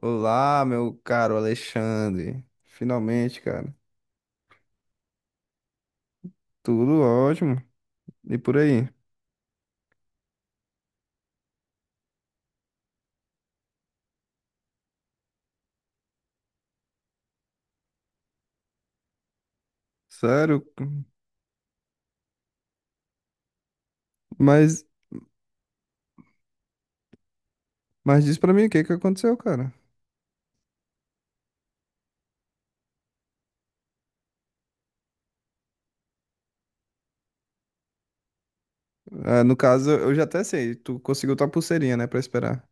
Olá, meu caro Alexandre. Finalmente, cara. Tudo ótimo. E por aí? Sério? Mas, mas diz pra mim o que que aconteceu, cara. Ah, no caso, eu já até sei. Tu conseguiu tua pulseirinha, né, pra esperar.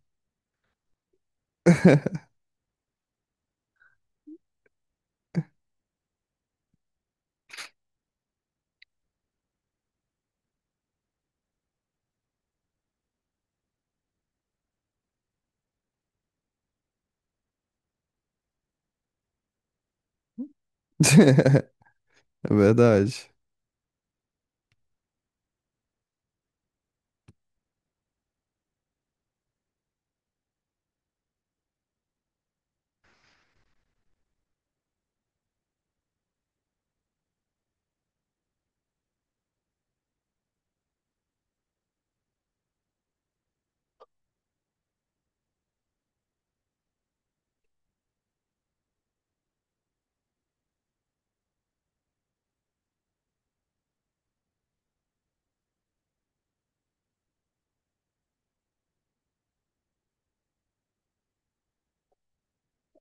É verdade.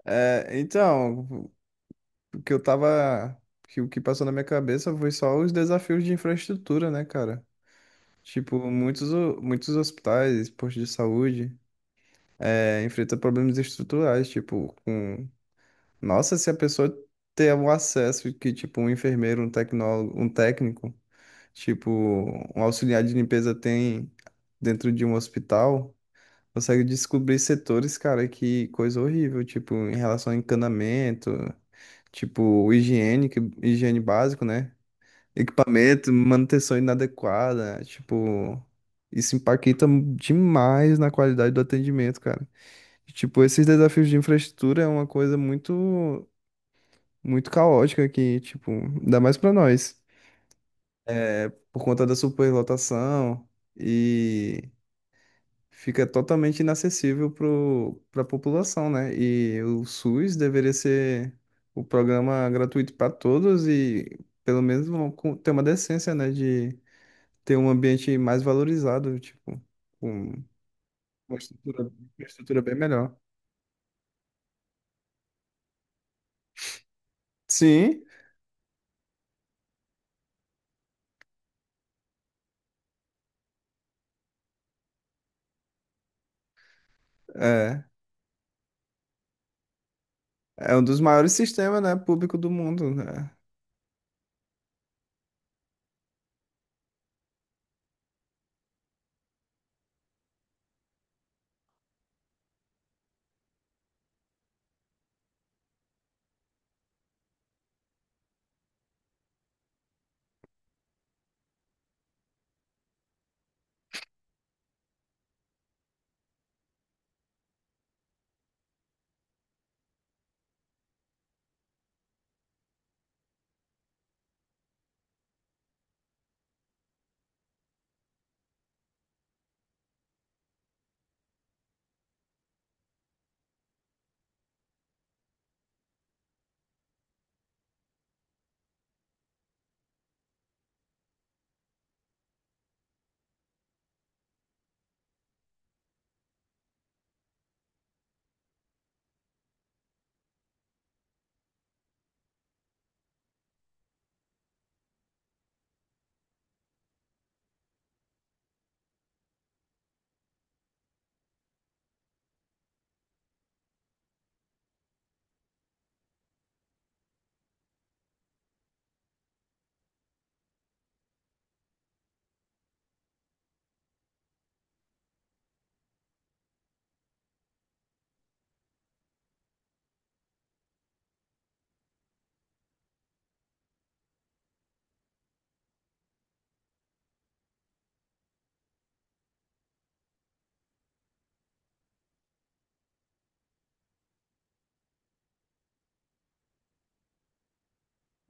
É, então, o que eu tava. Que, o que passou na minha cabeça foi só os desafios de infraestrutura, né, cara? Tipo, muitos hospitais, postos de saúde, enfrentam problemas estruturais, tipo, com. Nossa, se a pessoa ter um acesso que, tipo, um enfermeiro, um tecnólogo, um técnico, tipo, um auxiliar de limpeza tem dentro de um hospital, consegue descobrir setores, cara, que coisa horrível, tipo, em relação a encanamento, tipo, higiene, higiene básico, né? Equipamento, manutenção inadequada, tipo, isso impacta demais na qualidade do atendimento, cara. E, tipo, esses desafios de infraestrutura é uma coisa muito caótica aqui, tipo, ainda mais pra nós. É, por conta da superlotação e fica totalmente inacessível pra população, né? E o SUS deveria ser o programa gratuito para todos e pelo menos ter uma decência, né, de ter um ambiente mais valorizado, tipo, com uma uma estrutura bem melhor. Sim, é. É um dos maiores sistemas, né, público do mundo, né?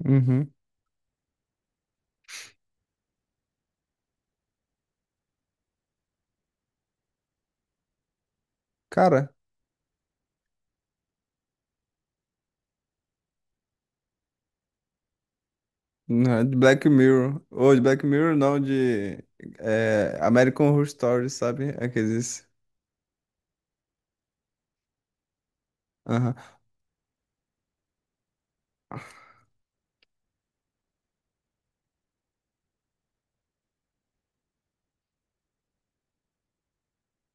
Uhum. Cara, não, é de Black Mirror. Ou de Black Mirror, não, American Horror Story, sabe? Aqueles. Aham.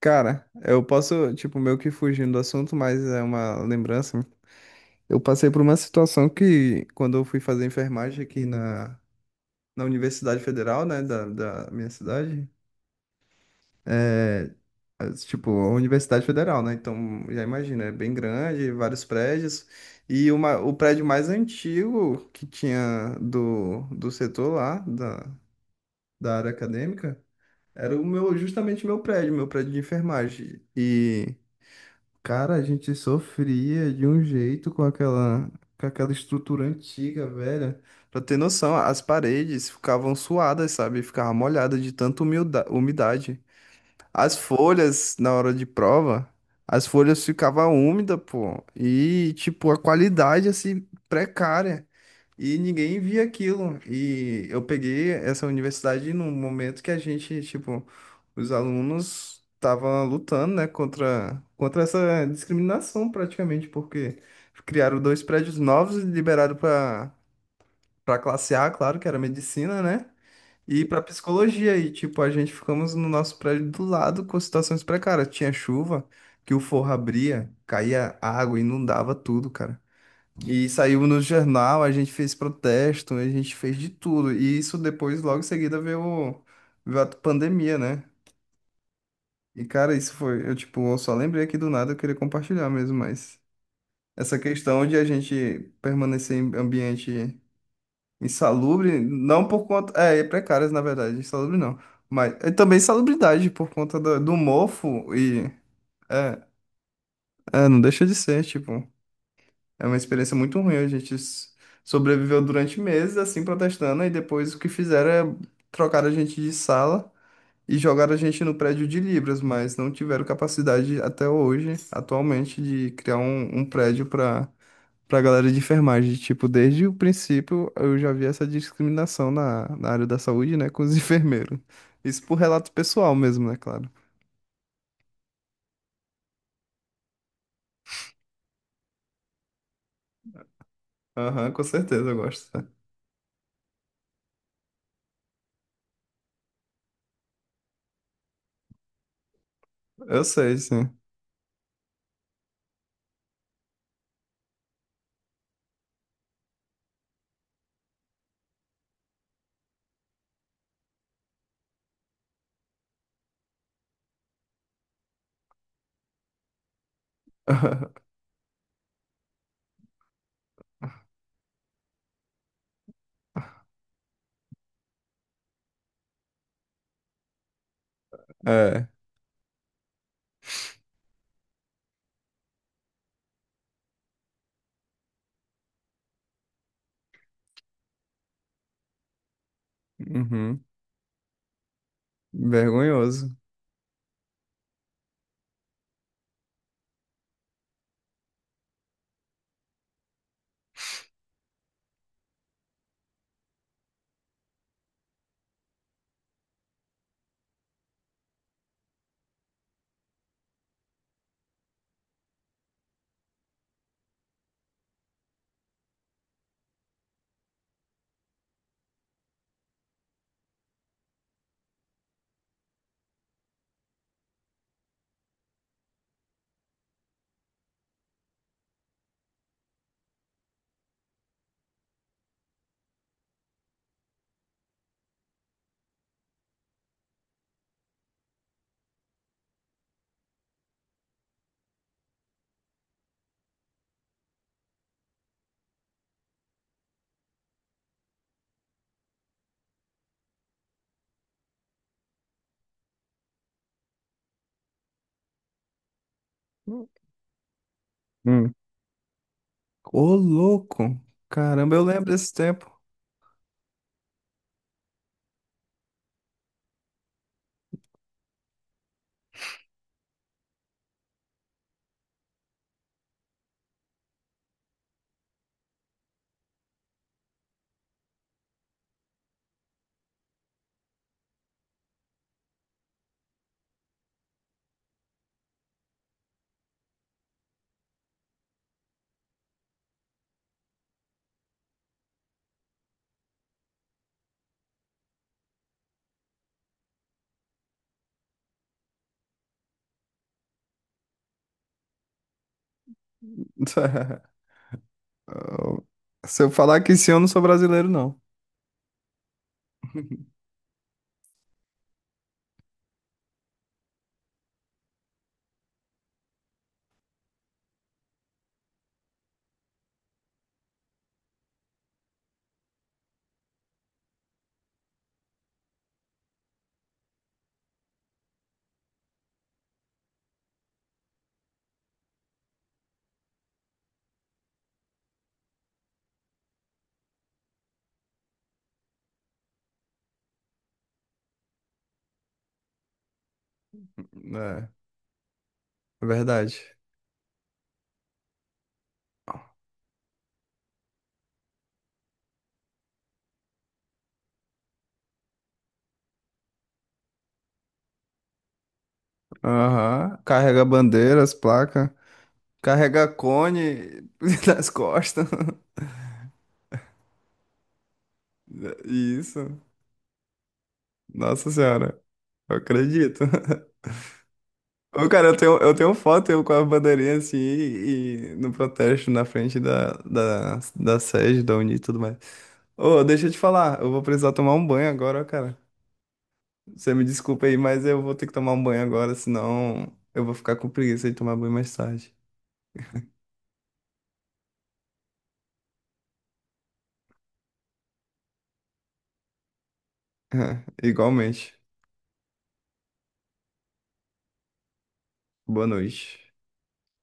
Cara, eu posso, tipo, meio que fugindo do assunto, mas é uma lembrança. Eu passei por uma situação que, quando eu fui fazer enfermagem aqui na Universidade Federal, né, da minha cidade, é, as- tipo, a Universidade Federal, né? Então, já imagina, é bem grande, vários prédios. E uma, o prédio mais antigo que tinha do setor lá, da, da área acadêmica, era o meu, justamente o meu prédio de enfermagem. E, cara, a gente sofria de um jeito com com aquela estrutura antiga, velha. Pra ter noção, as paredes ficavam suadas, sabe? Ficava molhada de tanta umidade. As folhas, na hora de prova, as folhas ficavam úmidas, pô. E, tipo, a qualidade, assim, precária. E ninguém via aquilo. E eu peguei essa universidade num momento que a gente, tipo, os alunos estavam lutando, né, contra essa discriminação, praticamente, porque criaram dois prédios novos e liberaram para classe A, claro, que era medicina, né? E pra psicologia, e tipo, a gente ficamos no nosso prédio do lado com situações precárias. Tinha chuva, que o forro abria, caía água, inundava tudo, cara. E saiu no jornal, a gente fez protesto, a gente fez de tudo. E isso depois, logo em seguida, veio a pandemia, né? E cara, isso foi, eu tipo, eu só lembrei aqui do nada, eu queria compartilhar mesmo, mas essa questão de a gente permanecer em ambiente. Insalubre, não por conta. É, é precárias, na verdade, insalubre não. Mas é também insalubridade por conta do mofo e. É, é, não deixa de ser, tipo. É uma experiência muito ruim. Sobreviveu durante meses assim protestando, e depois o que fizeram é trocar a gente de sala e jogar a gente no prédio de Libras, mas não tiveram capacidade até hoje, atualmente, de criar um prédio para pra galera de enfermagem. Tipo, desde o princípio eu já vi essa discriminação na área da saúde, né, com os enfermeiros. Isso por relato pessoal mesmo, né, claro. Aham, com certeza eu gosto. Eu sei, sim. É. Uhum. Vergonhoso. Hum. Ô, louco! Caramba, eu lembro desse tempo. Se eu falar que sim, eu não sou brasileiro, não. É, é verdade. Aham. Carrega bandeiras, placa. Carrega cone nas costas. Isso. Nossa senhora. Eu acredito. Ô, cara, eu tenho foto eu com a bandeirinha assim e, no protesto na frente da sede, da Uni e tudo mais. Ô, deixa eu te falar, eu vou precisar tomar um banho agora, ó, cara. Você me desculpa aí, mas eu vou ter que tomar um banho agora, senão eu vou ficar com preguiça de tomar banho mais tarde. Igualmente. Boa noite.